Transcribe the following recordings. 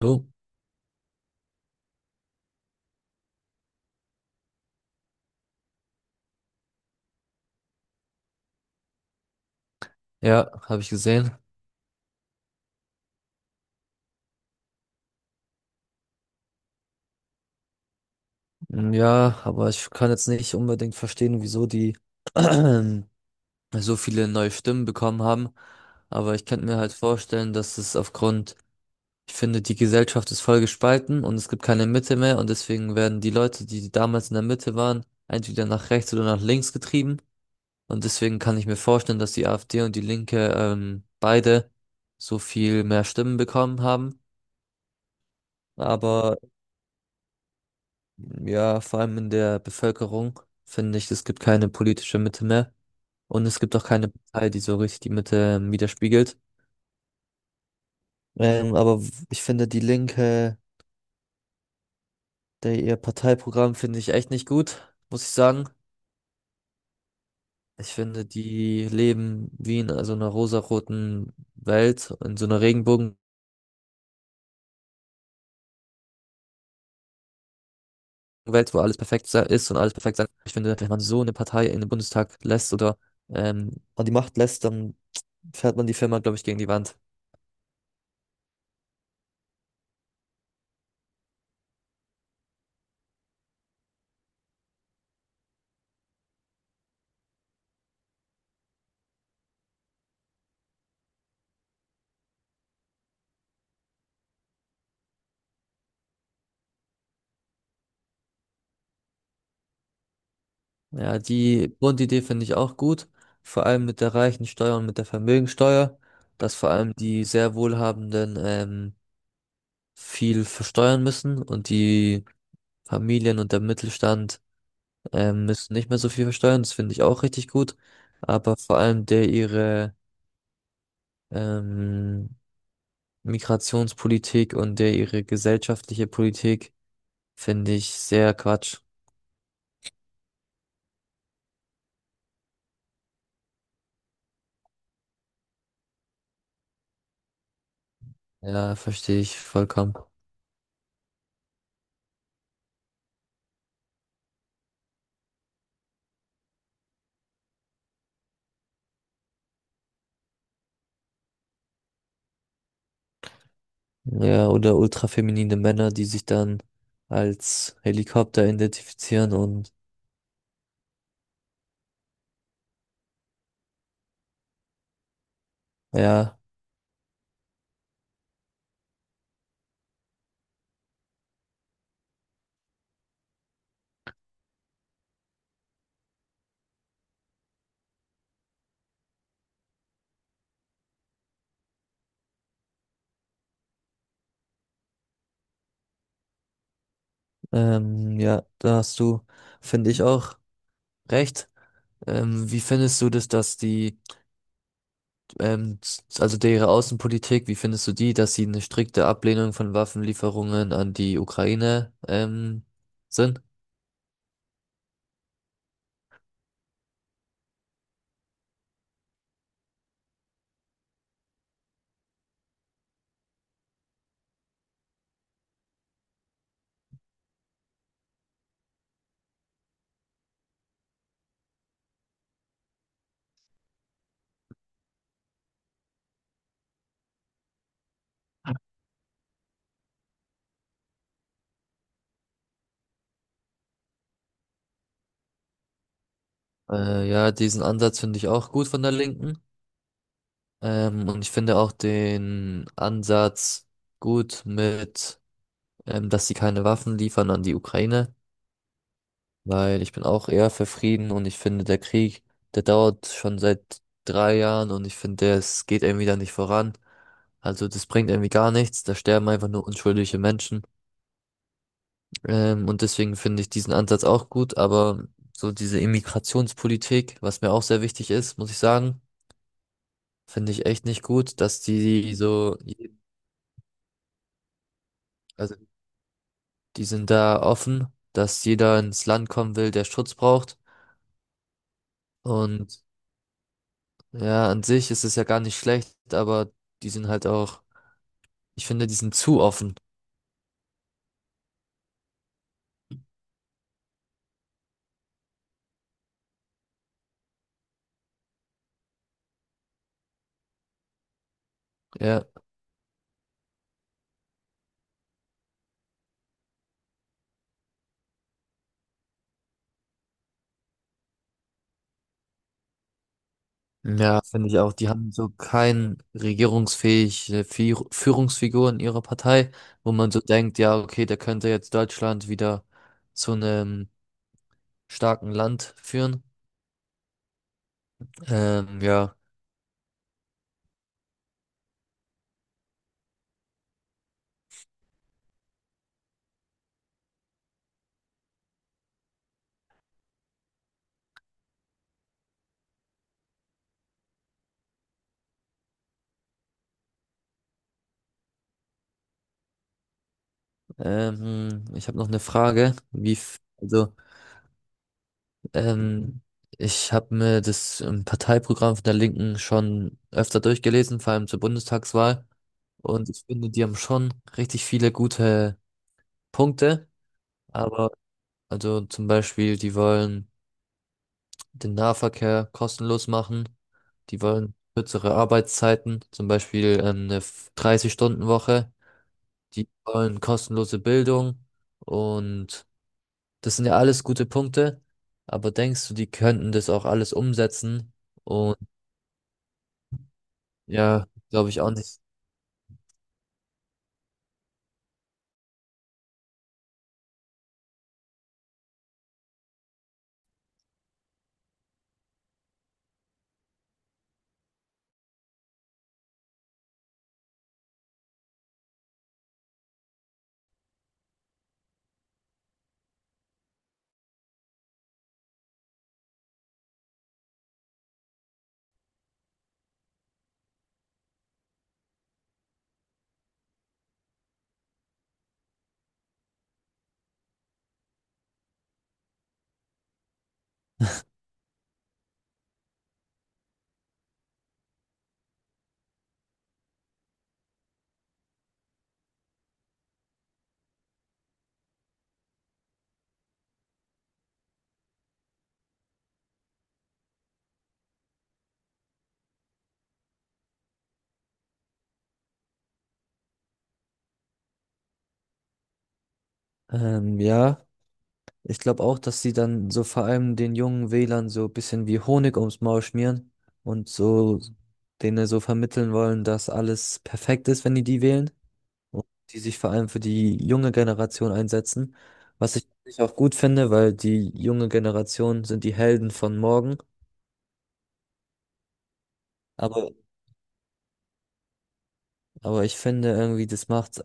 Oh, ja, habe ich gesehen. Mm, ja, aber ich kann jetzt nicht unbedingt verstehen, wieso die so viele neue Stimmen bekommen haben. Aber ich könnte mir halt vorstellen, dass es aufgrund, ich finde, die Gesellschaft ist voll gespalten und es gibt keine Mitte mehr und deswegen werden die Leute, die damals in der Mitte waren, entweder nach rechts oder nach links getrieben. Und deswegen kann ich mir vorstellen, dass die AfD und die Linke beide so viel mehr Stimmen bekommen haben. Aber ja, vor allem in der Bevölkerung finde ich, es gibt keine politische Mitte mehr und es gibt auch keine Partei, die so richtig die Mitte widerspiegelt. Aber ich finde die Linke, der, ihr Parteiprogramm finde ich echt nicht gut, muss ich sagen. Ich finde, die leben wie in so einer rosaroten Welt, in so einer Regenbogenwelt, wo ist und alles perfekt sein. Ich finde, wenn man so eine Partei in den Bundestag lässt oder an die Macht lässt, dann fährt man die Firma, glaube ich, gegen die Wand. Ja, die Grundidee finde ich auch gut. Vor allem mit der Reichensteuer und mit der Vermögensteuer, dass vor allem die sehr Wohlhabenden viel versteuern müssen und die Familien und der Mittelstand müssen nicht mehr so viel versteuern. Das finde ich auch richtig gut. Aber vor allem der ihre ähm, Migrationspolitik und der ihre gesellschaftliche Politik finde ich sehr Quatsch. Ja, verstehe ich vollkommen. Ja, oder ultrafeminine Männer, die sich dann als Helikopter identifizieren und ja, ähm, ja, da hast du, finde ich auch recht. Wie findest du das, dass die, also deren Außenpolitik, wie findest du die, dass sie eine strikte Ablehnung von Waffenlieferungen an die Ukraine, sind? Ja, diesen Ansatz finde ich auch gut von der Linken. Und ich finde auch den Ansatz gut mit dass sie keine Waffen liefern an die Ukraine, weil ich bin auch eher für Frieden und ich finde, der Krieg, der dauert schon seit 3 Jahren und ich finde, es geht irgendwie da nicht voran. Also das bringt irgendwie gar nichts, da sterben einfach nur unschuldige Menschen. Und deswegen finde ich diesen Ansatz auch gut, aber so diese Immigrationspolitik, was mir auch sehr wichtig ist, muss ich sagen, finde ich echt nicht gut, dass die so, also die sind da offen, dass jeder ins Land kommen will, der Schutz braucht. Und ja, an sich ist es ja gar nicht schlecht, aber die sind halt auch, ich finde, die sind zu offen. Ja, ja, finde ich auch. Die haben so kein regierungsfähige Führungsfigur in ihrer Partei, wo man so denkt, ja, okay, der könnte jetzt Deutschland wieder zu einem starken Land führen. Ähm, ja, ich habe noch eine Frage. Ähm, ich habe mir das Parteiprogramm von der Linken schon öfter durchgelesen, vor allem zur Bundestagswahl. Und ich finde, die haben schon richtig viele gute Punkte. Aber, also zum Beispiel, die wollen den Nahverkehr kostenlos machen. Die wollen kürzere Arbeitszeiten, zum Beispiel eine 30-Stunden-Woche. Die wollen kostenlose Bildung. Und das sind ja alles gute Punkte. Aber denkst du, die könnten das auch alles umsetzen? Und ja, glaube ich auch nicht. Ja. Ich glaube auch, dass sie dann so vor allem den jungen Wählern so ein bisschen wie Honig ums Maul schmieren und so denen so vermitteln wollen, dass alles perfekt ist, wenn die die wählen und die sich vor allem für die junge Generation einsetzen, was ich auch gut finde, weil die junge Generation sind die Helden von morgen. Aber Aber ich finde irgendwie, das macht,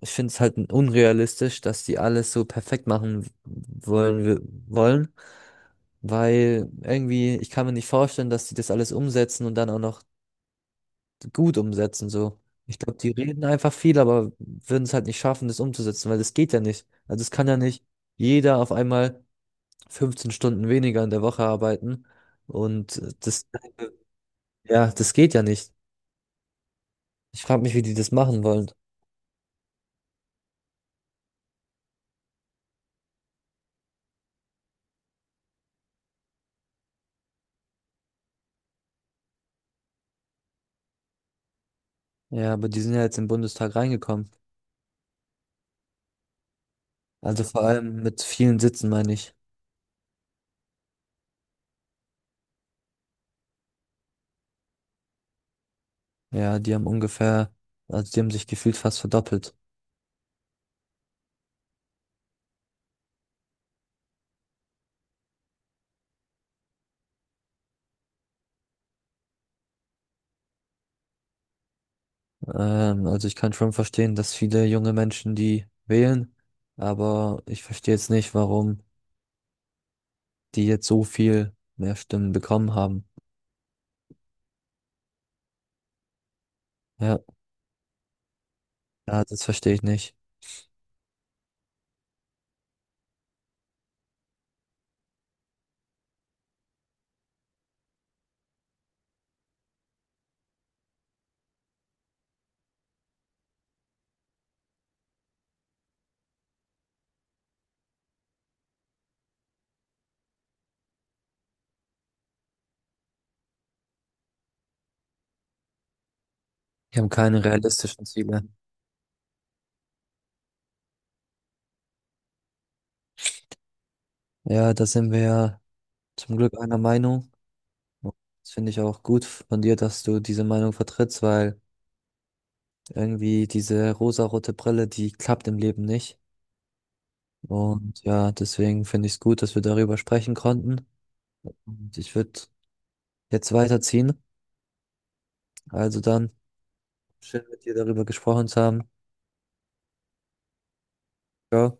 ich finde es halt unrealistisch, dass die alles so perfekt machen wollen, wollen, weil irgendwie, ich kann mir nicht vorstellen, dass die das alles umsetzen und dann auch noch gut umsetzen, so. Ich glaube, die reden einfach viel, aber würden es halt nicht schaffen, das umzusetzen, weil das geht ja nicht. Also es kann ja nicht jeder auf einmal 15 Stunden weniger in der Woche arbeiten und das, ja, das geht ja nicht. Ich frage mich, wie die das machen wollen. Ja, aber die sind ja jetzt im Bundestag reingekommen. Also vor Mhm. allem mit vielen Sitzen, meine ich. Ja, die haben ungefähr, also die haben sich gefühlt fast verdoppelt. Also ich kann schon verstehen, dass viele junge Menschen die wählen, aber ich verstehe jetzt nicht, warum die jetzt so viel mehr Stimmen bekommen haben. Ja, ja, das verstehe ich nicht. Die haben keine realistischen Ziele. Ja, da sind wir ja zum Glück einer Meinung. Das finde ich auch gut von dir, dass du diese Meinung vertrittst, weil irgendwie diese rosarote Brille, die klappt im Leben nicht. Und ja, deswegen finde ich es gut, dass wir darüber sprechen konnten. Und ich würde jetzt weiterziehen. Also dann, schön mit dir darüber gesprochen zu haben. Ciao.